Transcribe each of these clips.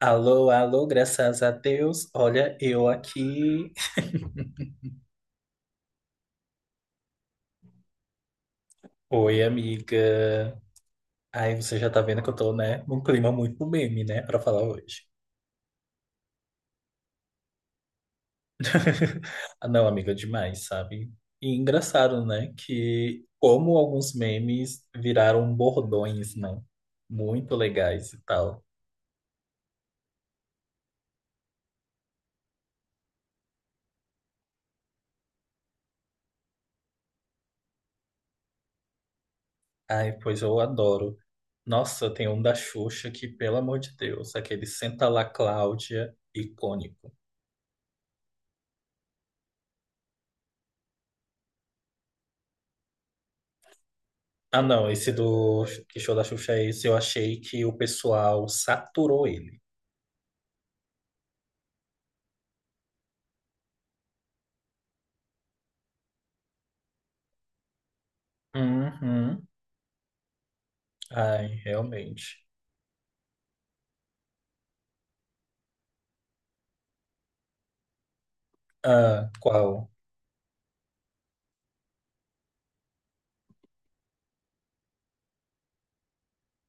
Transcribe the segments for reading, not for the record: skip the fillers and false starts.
Alô, alô, graças a Deus. Olha, eu aqui. Oi, amiga. Ai, você já tá vendo que eu tô, né, num clima muito meme, né, pra falar hoje. Ah, não, amiga, demais, sabe? E engraçado, né, que como alguns memes viraram bordões, né? Muito legais e tal. Ai, pois eu adoro. Nossa, tem um da Xuxa que, pelo amor de Deus, aquele Senta lá, Cláudia, icônico. Ah, não, esse do Que Show da Xuxa é esse, eu achei que o pessoal saturou ele. Uhum. Ai, realmente. Ah, qual?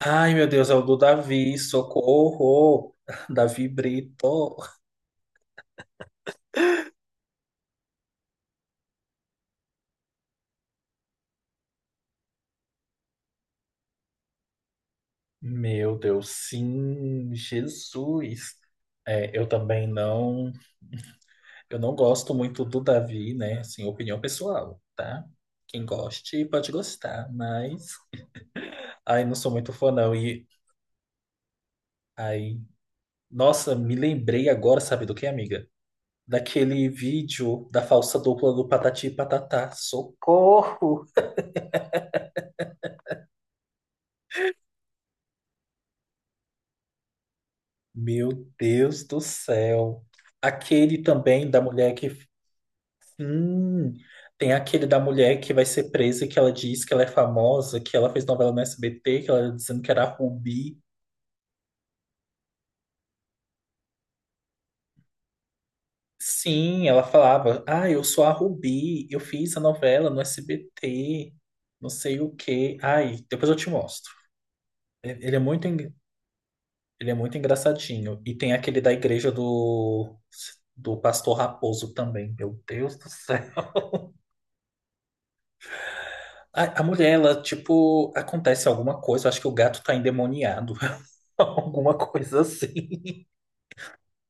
Ai, meu Deus, é o do Davi, socorro! Davi Brito. Meu Deus, sim, Jesus. É, eu também não, eu não gosto muito do Davi, né? Assim, opinião pessoal, tá? Quem goste pode gostar, mas ai, não sou muito fã não. E ai Nossa, me lembrei agora, sabe do que, amiga? Daquele vídeo da falsa dupla do Patati e Patatá. Socorro! Meu Deus do céu! Aquele também da mulher que. Hum, tem aquele da mulher que vai ser presa e que ela diz que ela é famosa, que ela fez novela no SBT, que ela era dizendo que era a Rubi. Sim, ela falava: Ah, eu sou a Rubi, eu fiz a novela no SBT, não sei o quê. Ai, depois eu te mostro. Ele é muito, en- Ele é muito engraçadinho. E tem aquele da igreja do, do pastor Raposo também. Meu Deus do céu. A mulher, ela, tipo, acontece alguma coisa. Eu acho que o gato tá endemoniado. Alguma coisa assim.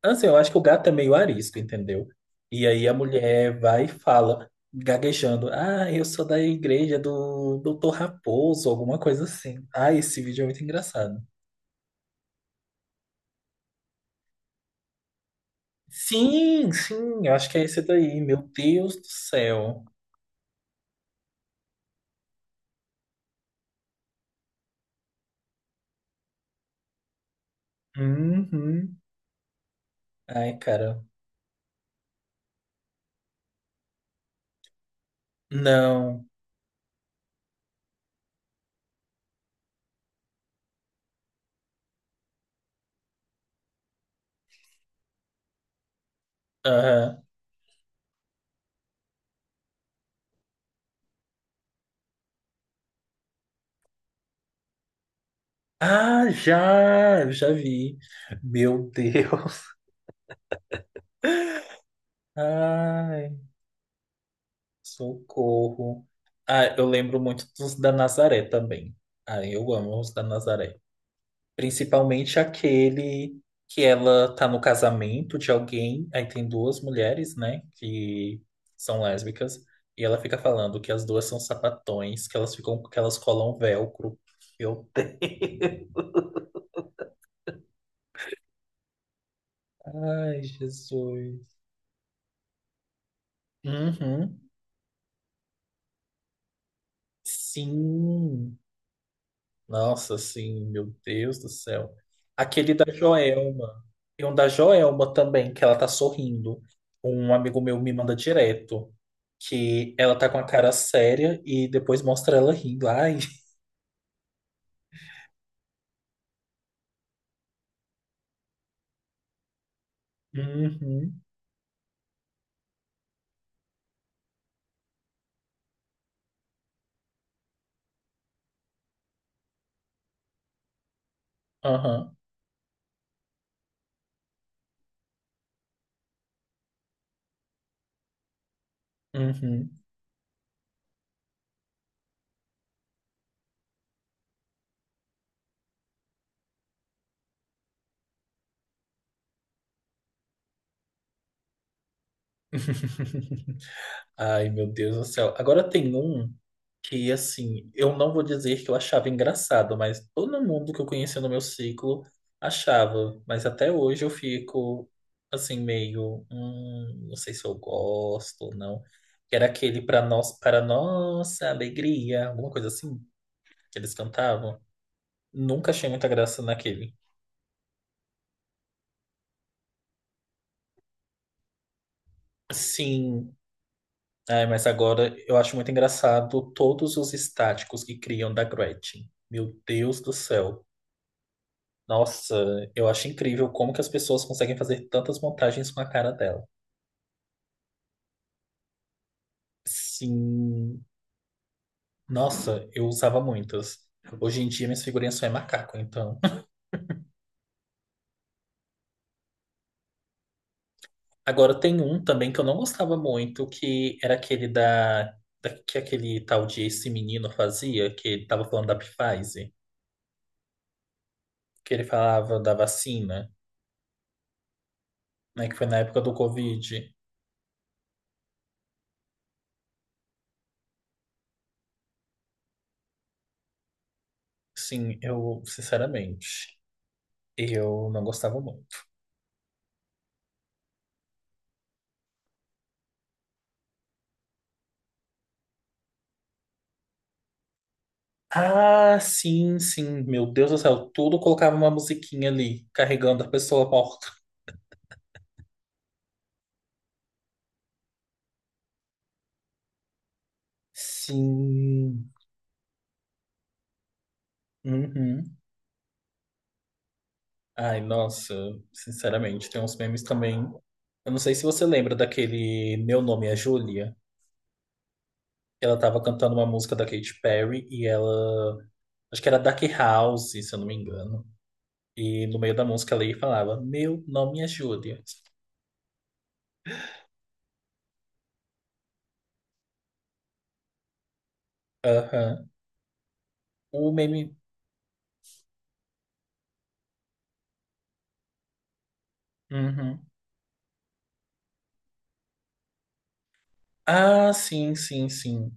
Assim, eu acho que o gato é meio arisco, entendeu? E aí a mulher vai e fala, gaguejando: Ah, eu sou da igreja do Doutor Raposo, alguma coisa assim. Ah, esse vídeo é muito engraçado. Sim, sim, eu acho que é esse daí. Meu Deus do céu. Uhum. Ai, cara. Não. Aham. Ah, já! Eu já vi. Meu Deus. Ai, socorro. Ah, eu lembro muito dos da Nazaré também. Ah, eu amo os da Nazaré. Principalmente aquele que ela tá no casamento de alguém. Aí tem duas mulheres, né? Que são lésbicas. E ela fica falando que as duas são sapatões, que elas ficam, que elas colam velcro. Meu Deus. Ai, Jesus. Uhum. Sim. Nossa, sim, meu Deus do céu. Aquele da Joelma. E um da Joelma também, que ela tá sorrindo. Um amigo meu me manda direto. Que ela tá com a cara séria e depois mostra ela rindo. Ai. Uhum. Aham. Uhum. Ai, meu Deus do céu. Agora tem um que, assim, eu não vou dizer que eu achava engraçado, mas todo mundo que eu conhecia no meu ciclo achava. Mas até hoje eu fico, assim, meio, não sei se eu gosto ou não. Que era aquele para nós, para nossa alegria, alguma coisa assim que eles cantavam. Nunca achei muita graça naquele. Sim, ai, mas agora eu acho muito engraçado todos os estáticos que criam da Gretchen. Meu Deus do céu. Nossa, eu acho incrível como que as pessoas conseguem fazer tantas montagens com a cara dela. Sim. Nossa, eu usava muitas. Hoje em dia minhas figurinhas só é macaco, então. Agora tem um também que eu não gostava muito, que era aquele da, da que aquele tal de esse menino fazia, que ele tava falando da Pfizer, que ele falava da vacina, né, que foi na época do Covid. Sim, eu, sinceramente, eu não gostava muito. Ah, sim, sim. Meu Deus do céu, tudo colocava uma musiquinha ali, carregando a pessoa morta. Sim. Uhum. Ai, nossa, sinceramente, tem uns memes também. Eu não sei se você lembra daquele Meu Nome é Julia. Ela tava cantando uma música da Katy Perry e ela. Acho que era Dark House, se eu não me engano. E no meio da música ela ia e falava: Meu nome é Julia. Aham. O meme. Uhum. Ah, sim, sim, sim.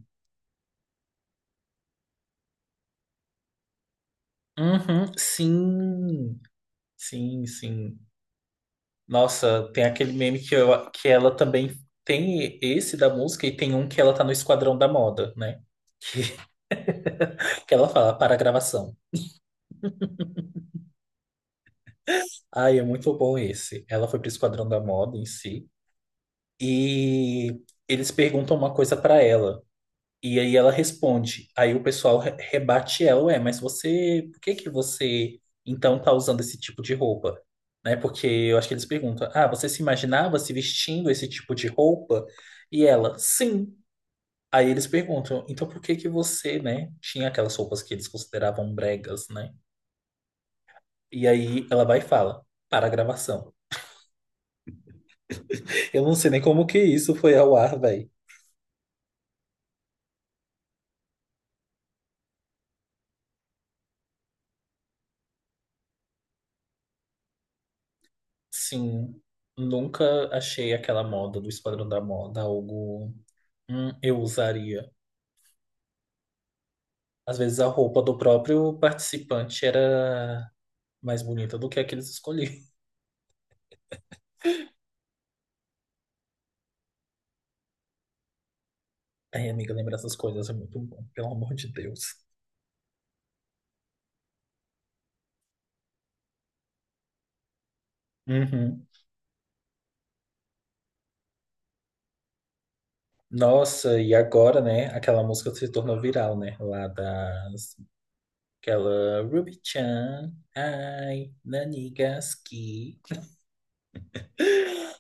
Uhum, sim, sim, sim. Nossa, tem aquele meme que, eu, que ela também tem esse da música e tem um que ela tá no Esquadrão da Moda, né? Que, que ela fala para a gravação. Ai, é muito bom esse. Ela foi pro Esquadrão da Moda em si e eles perguntam uma coisa pra ela. E aí ela responde. Aí o pessoal rebate ela, ué, mas você, por que que você então tá usando esse tipo de roupa? Né? Porque eu acho que eles perguntam: "Ah, você se imaginava se vestindo esse tipo de roupa?" E ela: "Sim." Aí eles perguntam: "Então por que que você, né, tinha aquelas roupas que eles consideravam bregas, né?" E aí ela vai e fala: "Para a gravação." Eu não sei nem como que isso foi ao ar, velho. Sim, nunca achei aquela moda do Esquadrão da Moda algo eu usaria. Às vezes a roupa do próprio participante era mais bonita do que a que eles escolhiam. Ai, amiga, lembrar essas coisas é muito bom, pelo amor de Deus. Uhum. Nossa, e agora, né? Aquela música se tornou viral, né? Lá das. Aquela Ruby-chan, ai, Nanigaski.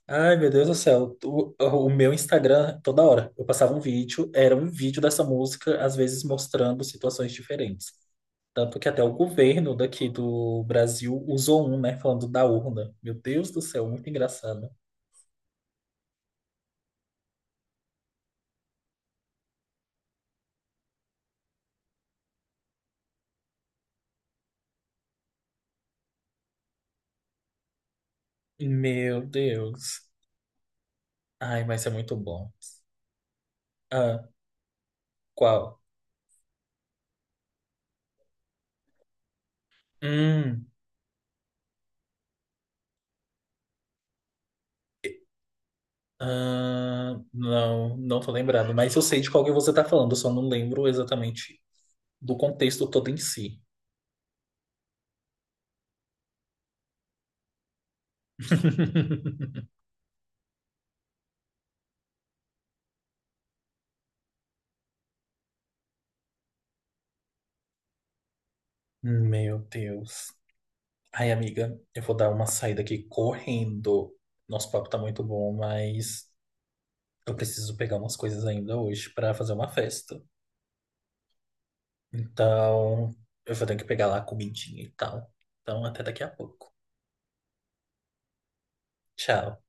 Ai, meu Deus do céu. O meu Instagram, toda hora, eu passava um vídeo, era um vídeo dessa música, às vezes mostrando situações diferentes. Tanto que até o governo daqui do Brasil usou um, né? Falando da urna. Meu Deus do céu, muito engraçado. Meu Deus. Ai, mas é muito bom. Ah, qual? Hum, ah, não, não tô lembrado. Mas eu sei de qual que você tá falando, eu só não lembro exatamente do contexto todo em si. Meu Deus. Ai, amiga, eu vou dar uma saída aqui correndo. Nosso papo tá muito bom, mas eu preciso pegar umas coisas ainda hoje pra fazer uma festa. Então, eu vou ter que pegar lá a comidinha e tal. Então, até daqui a pouco. Tchau.